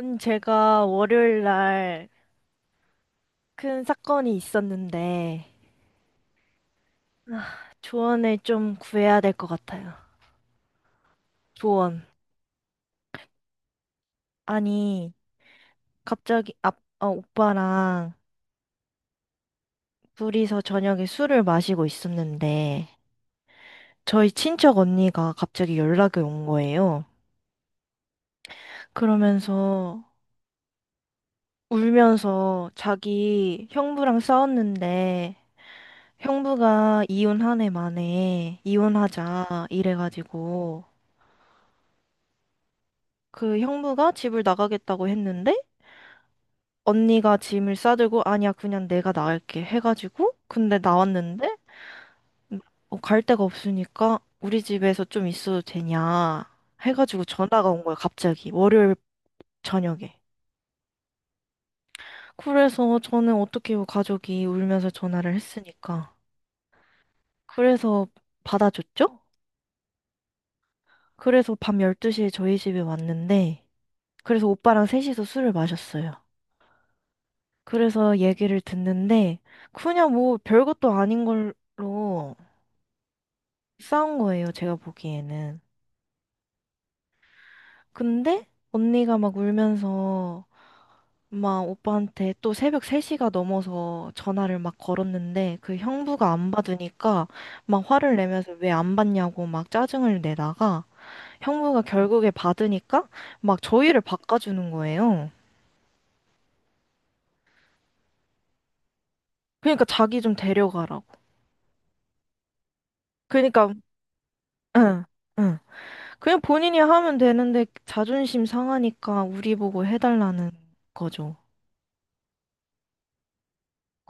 제가 월요일 날 큰 사건이 있었는데 조언을 좀 구해야 될 것 같아요. 조언. 아니, 갑자기 오빠랑 둘이서 저녁에 술을 마시고 있었는데 저희 친척 언니가 갑자기 연락이 온 거예요. 그러면서 울면서 자기 형부랑 싸웠는데 형부가 이혼 한 해 만에 이혼하자 이래가지고 그 형부가 집을 나가겠다고 했는데 언니가 짐을 싸들고, 아니야, 그냥 내가 나갈게 해가지고 근데 나왔는데 갈 데가 없으니까 우리 집에서 좀 있어도 되냐 해가지고 전화가 온 거야, 갑자기, 월요일 저녁에. 그래서 저는 어떻게 해요? 가족이 울면서 전화를 했으니까. 그래서 받아줬죠. 그래서 밤 12시에 저희 집에 왔는데 그래서 오빠랑 셋이서 술을 마셨어요. 그래서 얘기를 듣는데 그냥 뭐 별것도 아닌 걸로 싸운 거예요, 제가 보기에는. 근데 언니가 막 울면서 막 오빠한테 또 새벽 3시가 넘어서 전화를 막 걸었는데 그 형부가 안 받으니까 막 화를 내면서 왜 안 받냐고 막 짜증을 내다가 형부가 결국에 받으니까 막 저희를 바꿔주는 거예요. 그러니까 자기 좀 데려가라고. 그러니까. 응. 응. 그냥 본인이 하면 되는데 자존심 상하니까 우리 보고 해달라는 거죠.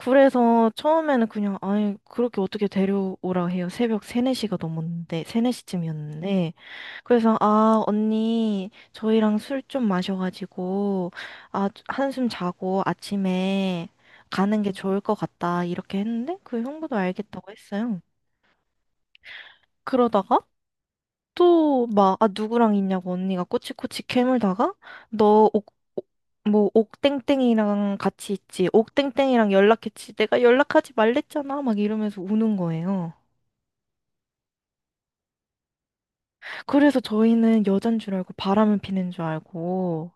그래서 처음에는 그냥, 아니, 그렇게 어떻게 데려오라 해요. 새벽 3, 4시가 넘었는데, 3, 4시쯤이었는데. 그래서, 아, 언니, 저희랑 술 좀 마셔가지고, 아, 한숨 자고 아침에 가는 게 좋을 것 같다. 이렇게 했는데, 그 형부도 알겠다고 했어요. 그러다가, 또 막, 아, 누구랑 있냐고 언니가 꼬치꼬치 캐물다가 너 옥, 옥- 뭐 옥땡땡이랑 같이 있지, 옥땡땡이랑 연락했지, 내가 연락하지 말랬잖아, 막 이러면서 우는 거예요. 그래서 저희는 여잔 줄 알고 바람을 피는 줄 알고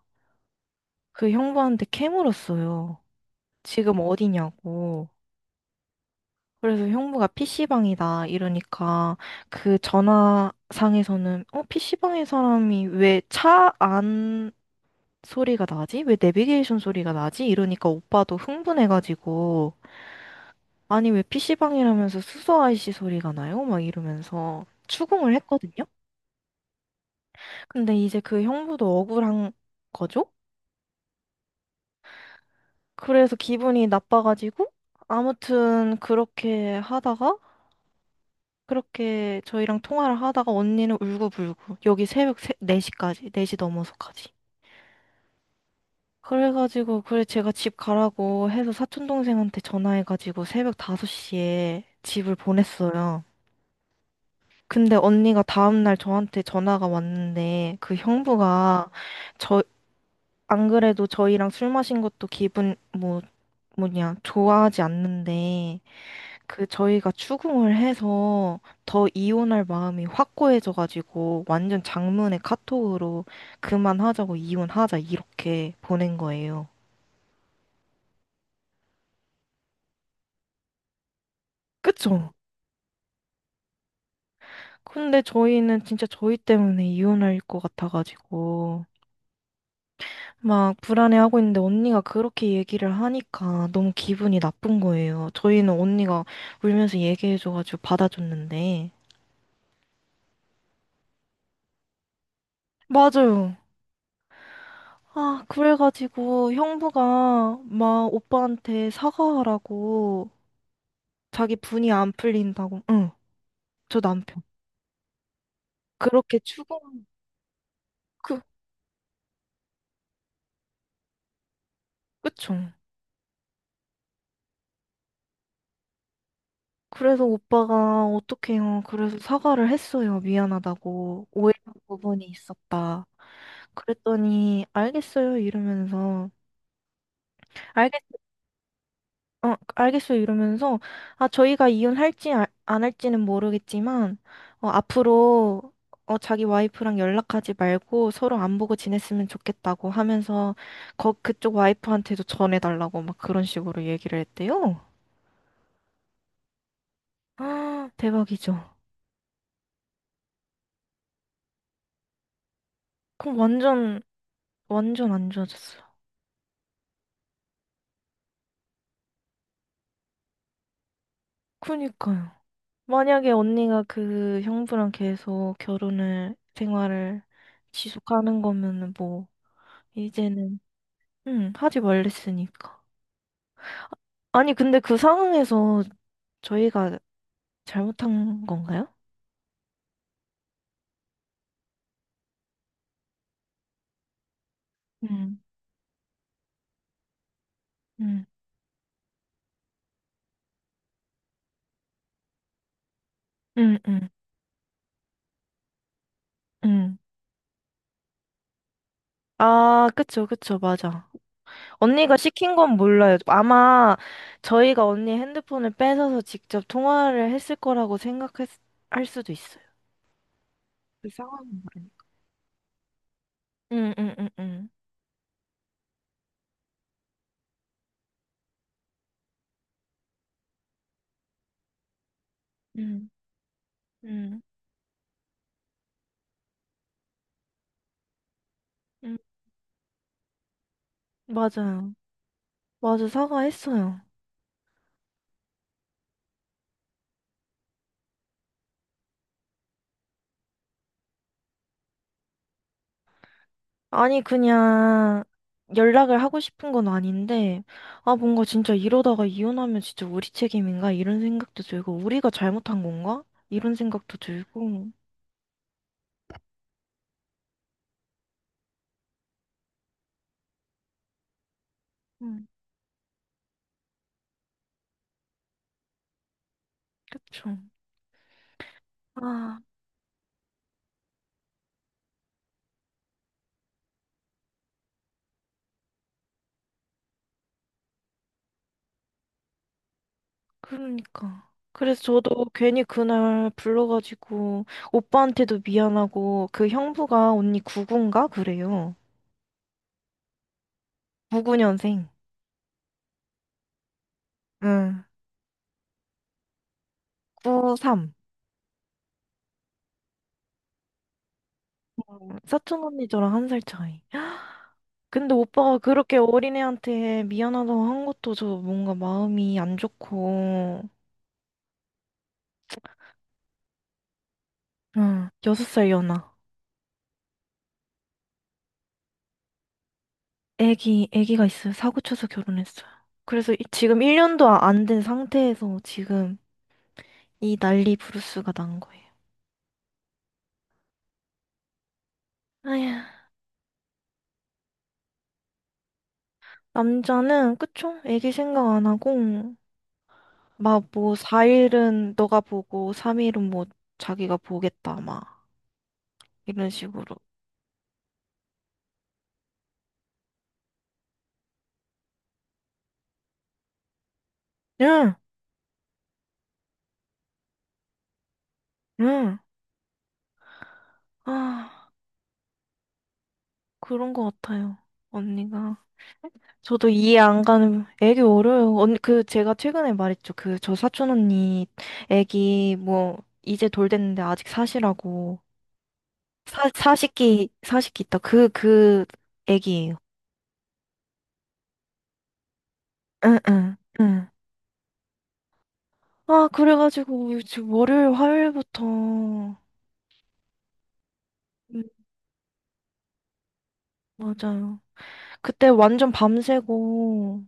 그 형부한테 캐물었어요. 지금 어디냐고. 그래서 형부가 PC방이다 이러니까 그 전화상에서는, PC방에 사람이 왜차안 소리가 나지? 왜 내비게이션 소리가 나지? 이러니까 오빠도 흥분해가지고, 아니, 왜 PC방이라면서 수소 아이씨 소리가 나요? 막 이러면서 추궁을 했거든요? 근데 이제 그 형부도 억울한 거죠? 그래서 기분이 나빠가지고, 아무튼 그렇게 하다가, 그렇게 저희랑 통화를 하다가 언니는 울고불고, 여기 새벽 4시까지, 4시 넘어서까지. 그래가지고, 그래, 제가 집 가라고 해서 사촌동생한테 전화해가지고 새벽 5시에 집을 보냈어요. 근데 언니가 다음날 저한테 전화가 왔는데 그 형부가, 저, 안 그래도 저희랑 술 마신 것도, 기분, 뭐, 뭐냐, 좋아하지 않는데 그 저희가 추궁을 해서 더 이혼할 마음이 확고해져가지고 완전 장문의 카톡으로 그만하자고, 이혼하자, 이렇게 보낸 거예요. 그쵸? 근데 저희는 진짜 저희 때문에 이혼할 것 같아가지고 막 불안해하고 있는데 언니가 그렇게 얘기를 하니까 너무 기분이 나쁜 거예요. 저희는 언니가 울면서 얘기해줘가지고 받아줬는데. 맞아요. 아, 그래가지고 형부가 막 오빠한테 사과하라고, 자기 분이 안 풀린다고. 응. 저 남편. 그렇게 추궁. 그 그쵸. 그래서 오빠가 어떡해요. 그래서 사과를 했어요. 미안하다고. 오해한 부분이 있었다. 그랬더니 알겠어요 이러면서 알겠 어 알겠어요 이러면서 저희가 이혼할지 안 할지는 모르겠지만 앞으로 자기 와이프랑 연락하지 말고 서로 안 보고 지냈으면 좋겠다고 하면서, 거 그쪽 와이프한테도 전해달라고 막 그런 식으로 얘기를 했대요. 아, 대박이죠. 그럼 완전 완전 안 좋아졌어요. 그니까요. 만약에 언니가 그 형부랑 계속 결혼을, 생활을 지속하는 거면은 뭐, 이제는, 응, 하지 말랬으니까. 아니, 근데 그 상황에서 저희가 잘못한 건가요? 응, 응, 응, 응, 응. 아, 그쵸, 그쵸, 맞아. 언니가 시킨 건 몰라요, 아마. 저희가 언니 핸드폰을 뺏어서 직접 통화를 했을 거라고 생각할 할 수도 있어요. 그 상황은 모르니까. 응, 응, 응, 응. 음, 음, 맞아요. 맞아, 사과했어요. 아니, 그냥 연락을 하고 싶은 건 아닌데, 아, 뭔가 진짜 이러다가 이혼하면 진짜 우리 책임인가? 이런 생각도 들고, 우리가 잘못한 건가? 이런 생각도 들고. 음. 그쵸. 아, 그러니까. 그래서 저도 괜히 그날 불러가지고 오빠한테도 미안하고. 그 형부가 언니 99인가? 그래요. 99년생. 응, 93. 사촌 언니 저랑 한 살 차이. 근데 오빠가 그렇게 어린애한테 미안하다고 한 것도 저 뭔가 마음이 안 좋고. 응, 여섯 살 연하. 애기가 있어요. 사고 쳐서 결혼했어요. 그래서 지금 1년도 안 된 상태에서 지금 이 난리 부르스가 난 거예요. 아휴. 남자는, 그쵸? 애기 생각 안 하고, 막 뭐, 4일은 너가 보고, 3일은 뭐, 자기가 보겠다, 막, 이런 식으로. 응, 응. 아, 그런 거 같아요, 언니가. 저도 이해 안 가는 애기 어려요. 언니, 그 제가 최근에 말했죠, 그 저 사촌 언니 애기. 뭐 이제 돌 됐는데 아직 사시라고, 사 사십기 사십기 있다, 그 애기예요. 응응. 응. 응. 아, 그래가지고 지금 월요일 화요일부터. 맞아요. 그때 완전 밤새고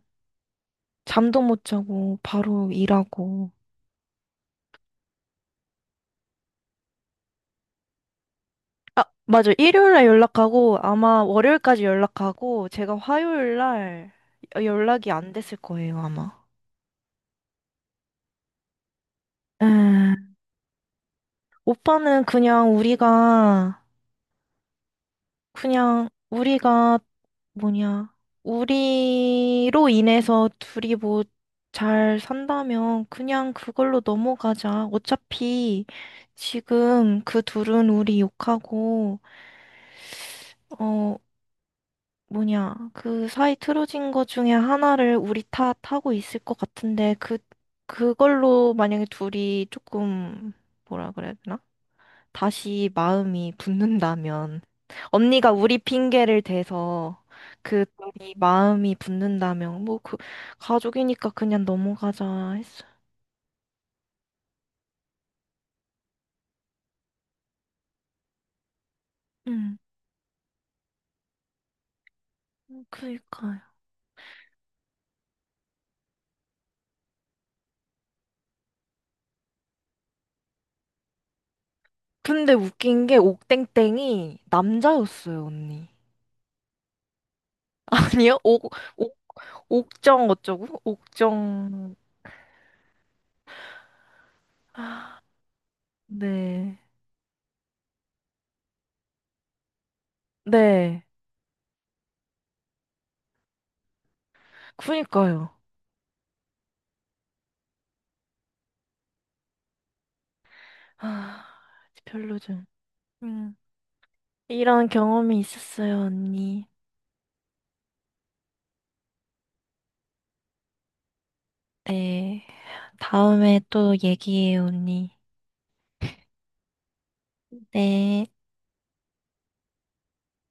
잠도 못 자고 바로 일하고. 아, 맞아. 일요일날 연락하고 아마 월요일까지 연락하고 제가 화요일날 연락이 안 됐을 거예요, 아마. 음. 오빠는 그냥 우리가, 그냥 우리가 뭐냐, 우리로 인해서 둘이 뭐 잘 산다면 그냥 그걸로 넘어가자. 어차피 지금 그 둘은 우리 욕하고, 어 뭐냐, 그 사이 틀어진 거 중에 하나를 우리 탓하고 있을 것 같은데, 그걸로 만약에 둘이 조금, 뭐라 그래야 되나, 다시 마음이 붙는다면, 언니가 우리 핑계를 대서 그 둘이 마음이 붙는다면, 뭐 그, 가족이니까 그냥 넘어가자 했어. 응, 그니까요. 근데 웃긴 게 옥땡땡이 남자였어요, 언니. 아니요? 옥정 어쩌고? 옥정. 네. 네. 그니까요. 아, 별로 좀. 음. 이런 경험이 있었어요, 언니. 네. 다음에 또 얘기해요, 언니. 네.